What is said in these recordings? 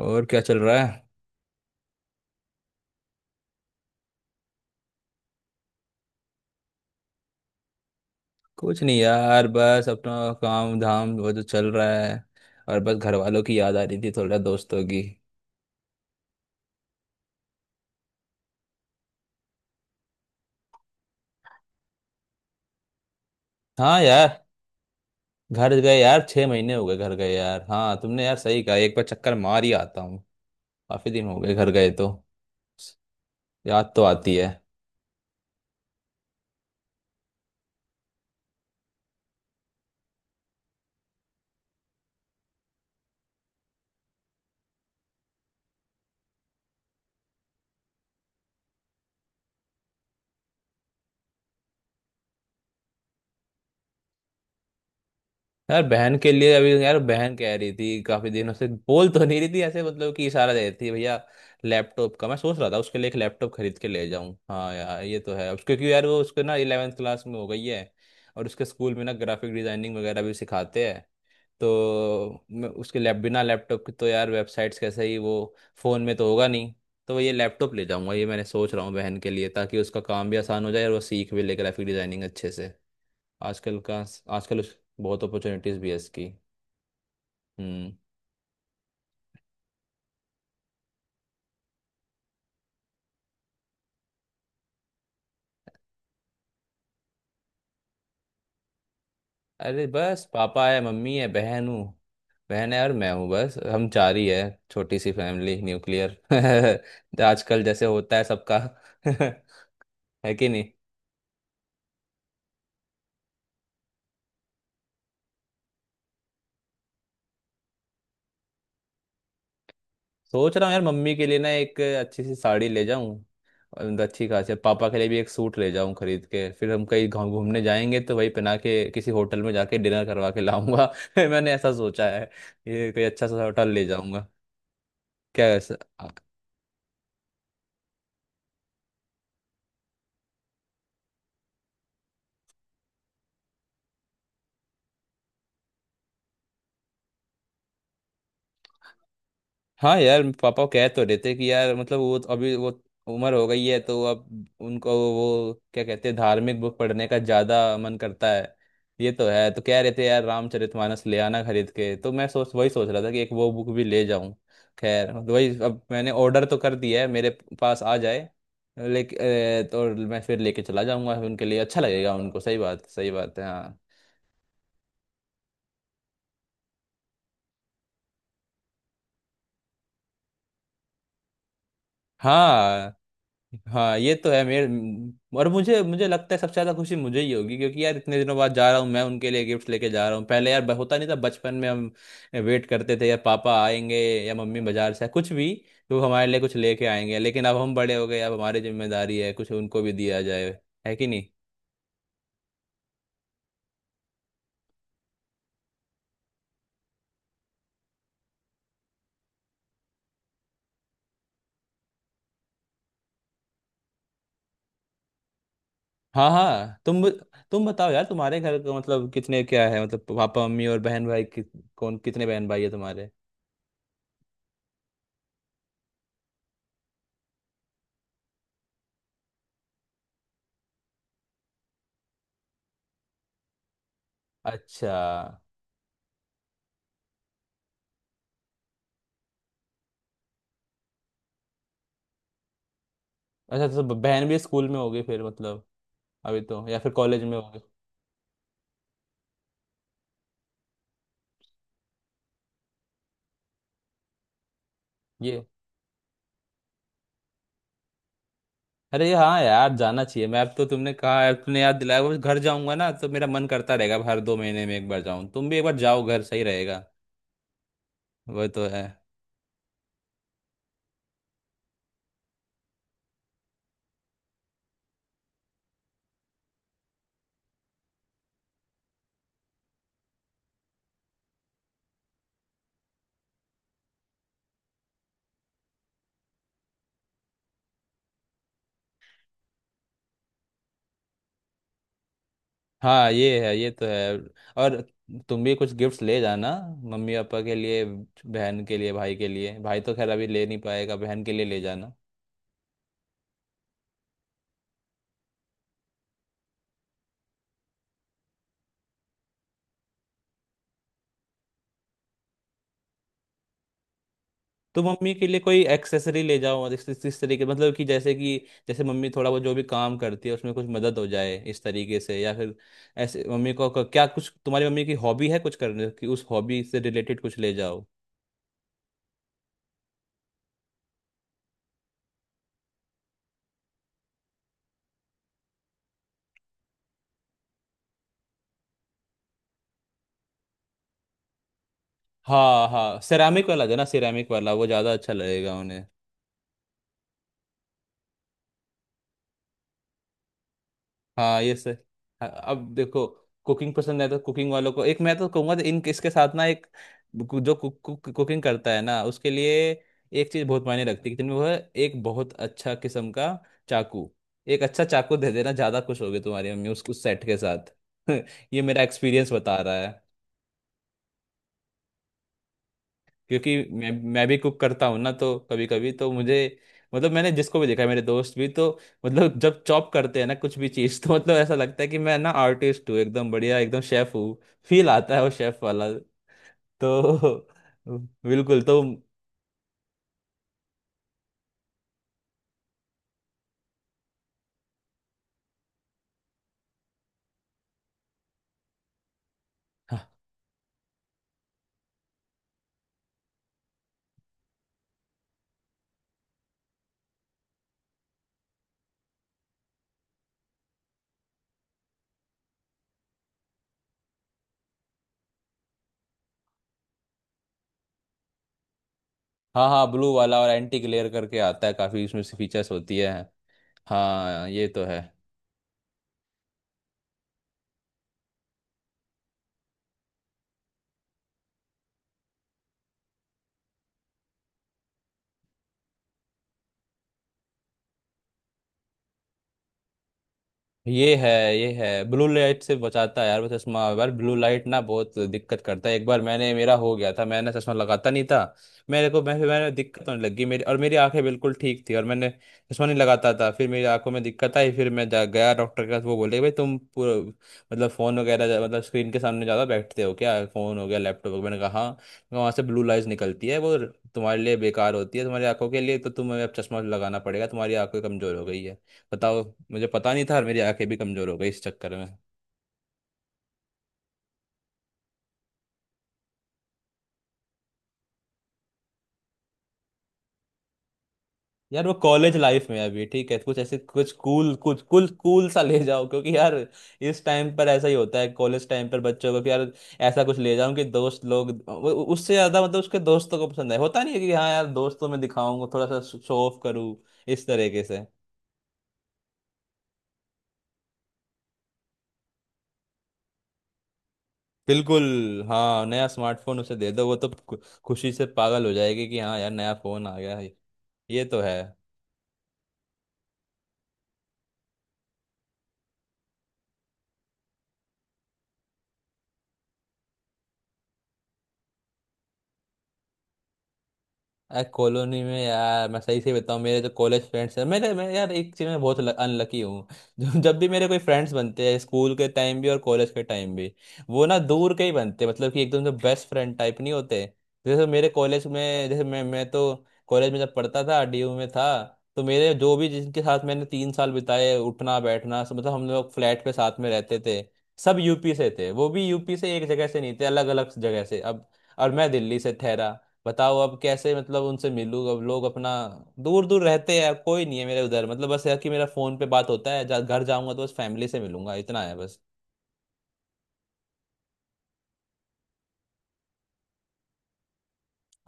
और क्या चल रहा है? कुछ नहीं यार, बस अपना काम धाम वो जो चल रहा है। और बस घर वालों की याद आ रही थी, थोड़ा दोस्तों की। हाँ यार, घर गए यार 6 महीने हो गए घर गए यार। हाँ तुमने यार सही कहा, एक बार चक्कर मार ही आता हूँ। काफी दिन हो गए घर गए, तो याद तो आती है। यार बहन के लिए, अभी यार बहन कह रही थी काफी दिनों से, बोल तो नहीं रही थी ऐसे, मतलब कि इशारा दे रही थी, भैया लैपटॉप का मैं सोच रहा था, उसके लिए एक लैपटॉप खरीद के ले जाऊं। हाँ यार ये तो है उसके, क्योंकि यार वो उसको ना इलेवेंथ क्लास में हो गई है, और उसके स्कूल में ना ग्राफिक डिजाइनिंग वगैरह भी सिखाते हैं। तो मैं उसके लैप बिना लैपटॉप के तो यार वेबसाइट्स कैसे ही वो, फोन में तो होगा नहीं। तो ये लैपटॉप ले जाऊंगा, ये मैंने सोच रहा हूँ बहन के लिए, ताकि उसका काम भी आसान हो जाए और वो सीख भी ले ग्राफिक डिजाइनिंग अच्छे से, आजकल का। आजकल उस बहुत अपॉर्चुनिटीज भी है इसकी। हम्म। अरे बस, पापा है, मम्मी है, बहन हूँ, बहन है और मैं हूँ, बस हम चार ही है। छोटी सी फैमिली, न्यूक्लियर। आजकल जैसे होता है सबका। है कि नहीं? सोच रहा हूँ यार, मम्मी के लिए ना एक अच्छी सी साड़ी ले जाऊँ और अच्छी खासी पापा के लिए भी एक सूट ले जाऊँ खरीद के। फिर हम कहीं घूमने जाएंगे, तो वही पहना के किसी होटल में जाके डिनर करवा के लाऊंगा। मैंने ऐसा सोचा है, ये कोई अच्छा सा होटल ले जाऊंगा। क्या ऐसा? हाँ यार पापा कह तो रहे थे कि यार, मतलब वो तो अभी वो उम्र हो गई है, तो अब उनको वो क्या कहते हैं, धार्मिक बुक पढ़ने का ज्यादा मन करता है। ये तो है, तो कह रहे थे यार रामचरितमानस ले आना खरीद के। तो मैं सोच वही सोच रहा था कि एक वो बुक भी ले जाऊं। खैर तो वही, अब मैंने ऑर्डर तो कर दिया है, मेरे पास आ जाए लेकिन, तो मैं फिर लेके चला जाऊंगा, उनके लिए अच्छा लगेगा। उनको सही बात, सही बात है हाँ। हाँ हाँ, ये तो है मेरे। और मुझे मुझे लगता है सबसे ज्यादा खुशी मुझे ही होगी, क्योंकि यार इतने दिनों बाद जा रहा हूँ, मैं उनके लिए गिफ्ट लेके जा रहा हूँ। पहले यार होता नहीं था बचपन में, हम वेट करते थे यार पापा आएंगे या मम्मी बाजार से कुछ भी, तो वो हमारे लिए कुछ लेके आएंगे। लेकिन अब हम बड़े हो गए, अब हमारी जिम्मेदारी है कुछ उनको भी दिया जाए, है कि नहीं? हाँ हाँ, तुम बताओ यार, तुम्हारे घर का मतलब कितने, क्या है मतलब, पापा मम्मी और बहन भाई कौन कितने बहन भाई है तुम्हारे? अच्छा। अच्छा तो बहन भी स्कूल में होगी फिर, मतलब अभी तो, या फिर कॉलेज में होगे? ये अरे हाँ यार, जाना चाहिए। मैं अब तो, तुमने कहा अब, तुमने याद दिलाया। बस घर जाऊंगा ना, तो मेरा मन करता रहेगा। अब हर 2 महीने में एक बार जाऊं, तुम भी एक बार जाओ घर, सही रहेगा। वो तो है। हाँ ये है, ये तो है। और तुम भी कुछ गिफ्ट्स ले जाना मम्मी पापा के लिए, बहन के लिए, भाई के लिए। भाई तो खैर अभी ले नहीं पाएगा, बहन के लिए ले जाना। तो मम्मी के लिए कोई एक्सेसरी ले जाओ, और इस तरीके, मतलब कि जैसे कि, जैसे मम्मी थोड़ा वो जो भी काम करती है उसमें कुछ मदद हो जाए इस तरीके से, या फिर ऐसे मम्मी को क्या कुछ तुम्हारी मम्मी की हॉबी है कुछ करने की, उस हॉबी से रिलेटेड कुछ ले जाओ। हाँ हाँ, सेरामिक वाला जो ना, सेरामिक वाला वो ज़्यादा अच्छा लगेगा उन्हें। हाँ ये सही। हाँ, अब देखो, कुकिंग पसंद है तो कुकिंग वालों को, एक मैं तो कहूंगा तो इन इसके साथ ना एक जो कुक, कुक, कुकिंग करता है ना उसके लिए एक चीज बहुत मायने रखती है, कि वो है एक बहुत अच्छा किस्म का चाकू। एक अच्छा चाकू दे देना, ज्यादा खुश होगी तुम्हारी मम्मी उस सेट के साथ। ये मेरा एक्सपीरियंस बता रहा, क्योंकि मैं भी कुक करता हूँ ना, तो कभी कभी तो मुझे, मतलब मैंने जिसको भी देखा है, मेरे दोस्त भी तो, मतलब जब चॉप करते हैं ना कुछ भी चीज़, तो मतलब ऐसा लगता है कि मैं ना आर्टिस्ट हूँ एकदम, बढ़िया एकदम शेफ हूँ। फील आता है वो शेफ वाला। तो, बिल्कुल तो। हाँ हाँ, ब्लू वाला और एंटी ग्लेयर करके आता है, काफ़ी उसमें फीचर्स होती है। हाँ ये तो है। ये है ये है ब्लू लाइट से बचाता है यार, वो चश्मा। यार ब्लू लाइट ना बहुत दिक्कत करता है। एक बार मैंने, मेरा हो गया था, मैंने चश्मा लगाता नहीं था, मेरे को, मैं फिर मैंने दिक्कत होने लगी, मेरी और मेरी आंखें बिल्कुल ठीक थी और मैंने चश्मा नहीं लगाता था, फिर मेरी आंखों में दिक्कत आई, फिर मैं जा गया डॉक्टर के पास। वो बोले, भाई तुम पूरा मतलब फ़ोन वगैरह मतलब स्क्रीन के सामने ज़्यादा बैठते हो क्या, फ़ोन हो गया लैपटॉप हो गया। मैंने कहा हाँ। तो वहाँ से ब्लू लाइट निकलती है, वो तुम्हारे लिए बेकार होती है, तुम्हारी आंखों के लिए। तो तुम्हें अब चश्मा लगाना पड़ेगा, तुम्हारी आंखें कमज़ोर हो गई है। बताओ। मुझे पता नहीं था, और मेरी आंखें भी कमजोर हो गई इस चक्कर में। यार वो कॉलेज लाइफ में अभी ठीक है, कुछ ऐसे कुछ कूल, कुछ कुल कूल सा ले जाओ क्योंकि यार, इस टाइम पर ऐसा ही होता है कॉलेज टाइम पर बच्चों को, कि यार ऐसा कुछ ले जाऊं कि दोस्त लोग उससे ज्यादा, मतलब उसके दोस्तों को पसंद है, होता नहीं है कि हाँ यार दोस्तों में दिखाऊंगा थोड़ा सा, शो ऑफ करूँ इस तरीके से। बिल्कुल। हाँ, नया स्मार्टफोन उसे दे दो, वो तो खुशी से पागल हो जाएगी कि हाँ यार नया फोन आ गया है। ये तो है। यार कॉलोनी में, यार मैं सही से बताऊँ, मेरे जो कॉलेज फ्रेंड्स हैं मेरे, मैं यार एक चीज़ में बहुत अनलकी हूँ। जो जब भी मेरे कोई फ्रेंड्स बनते हैं स्कूल के टाइम भी और कॉलेज के टाइम भी, वो ना दूर के ही बनते हैं, मतलब कि एकदम से बेस्ट फ्रेंड टाइप नहीं होते। जैसे मेरे कॉलेज में, जैसे मैं तो कॉलेज में जब पढ़ता था, डीयू में था, तो मेरे जो भी जिनके साथ मैंने 3 साल बिताए, उठना बैठना मतलब हम लोग फ्लैट पे साथ में रहते थे। सब यूपी से थे, वो भी यूपी से एक जगह से नहीं थे, अलग अलग जगह से। अब और मैं दिल्ली से ठहरा। बताओ, अब कैसे मतलब उनसे मिलूँ? अब लोग अपना दूर दूर रहते हैं, कोई नहीं है मेरे उधर, मतलब बस है कि मेरा फोन पे बात होता है। घर जाऊंगा तो बस फैमिली से मिलूंगा, इतना है बस।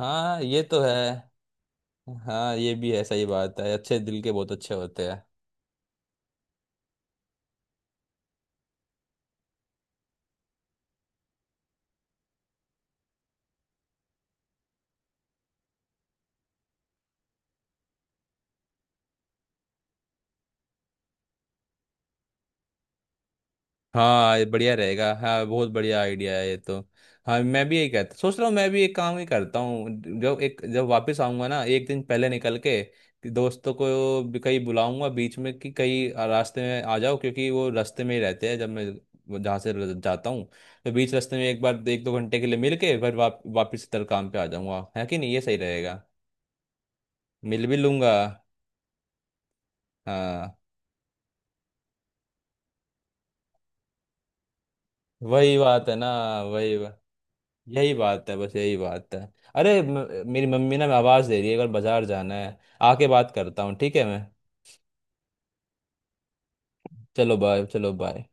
हाँ ये तो है। हाँ ये भी है, सही बात है, अच्छे दिल के बहुत अच्छे होते हैं। हाँ ये बढ़िया रहेगा, हाँ बहुत बढ़िया आइडिया है ये तो। हाँ मैं भी यही कहता सोच रहा हूँ, मैं भी एक काम ही करता हूँ। जब वापस आऊंगा ना, एक दिन पहले निकल के कि दोस्तों को भी कहीं बुलाऊंगा बीच में, कि कहीं रास्ते में आ जाओ, क्योंकि वो रास्ते में ही रहते हैं जब मैं वो जहाँ से जाता हूँ। तो बीच रास्ते में एक बार एक दो घंटे के लिए मिल के, फिर वापस इधर काम पे आ जाऊंगा। है कि नहीं, ये सही रहेगा? मिल भी लूंगा। हाँ वही बात है ना। वही यही बात है, बस यही बात है। अरे मेरी मम्मी ना मैं आवाज़ दे रही है, अगर बाजार जाना है। आके बात करता हूँ ठीक है मैं। चलो बाय, चलो बाय।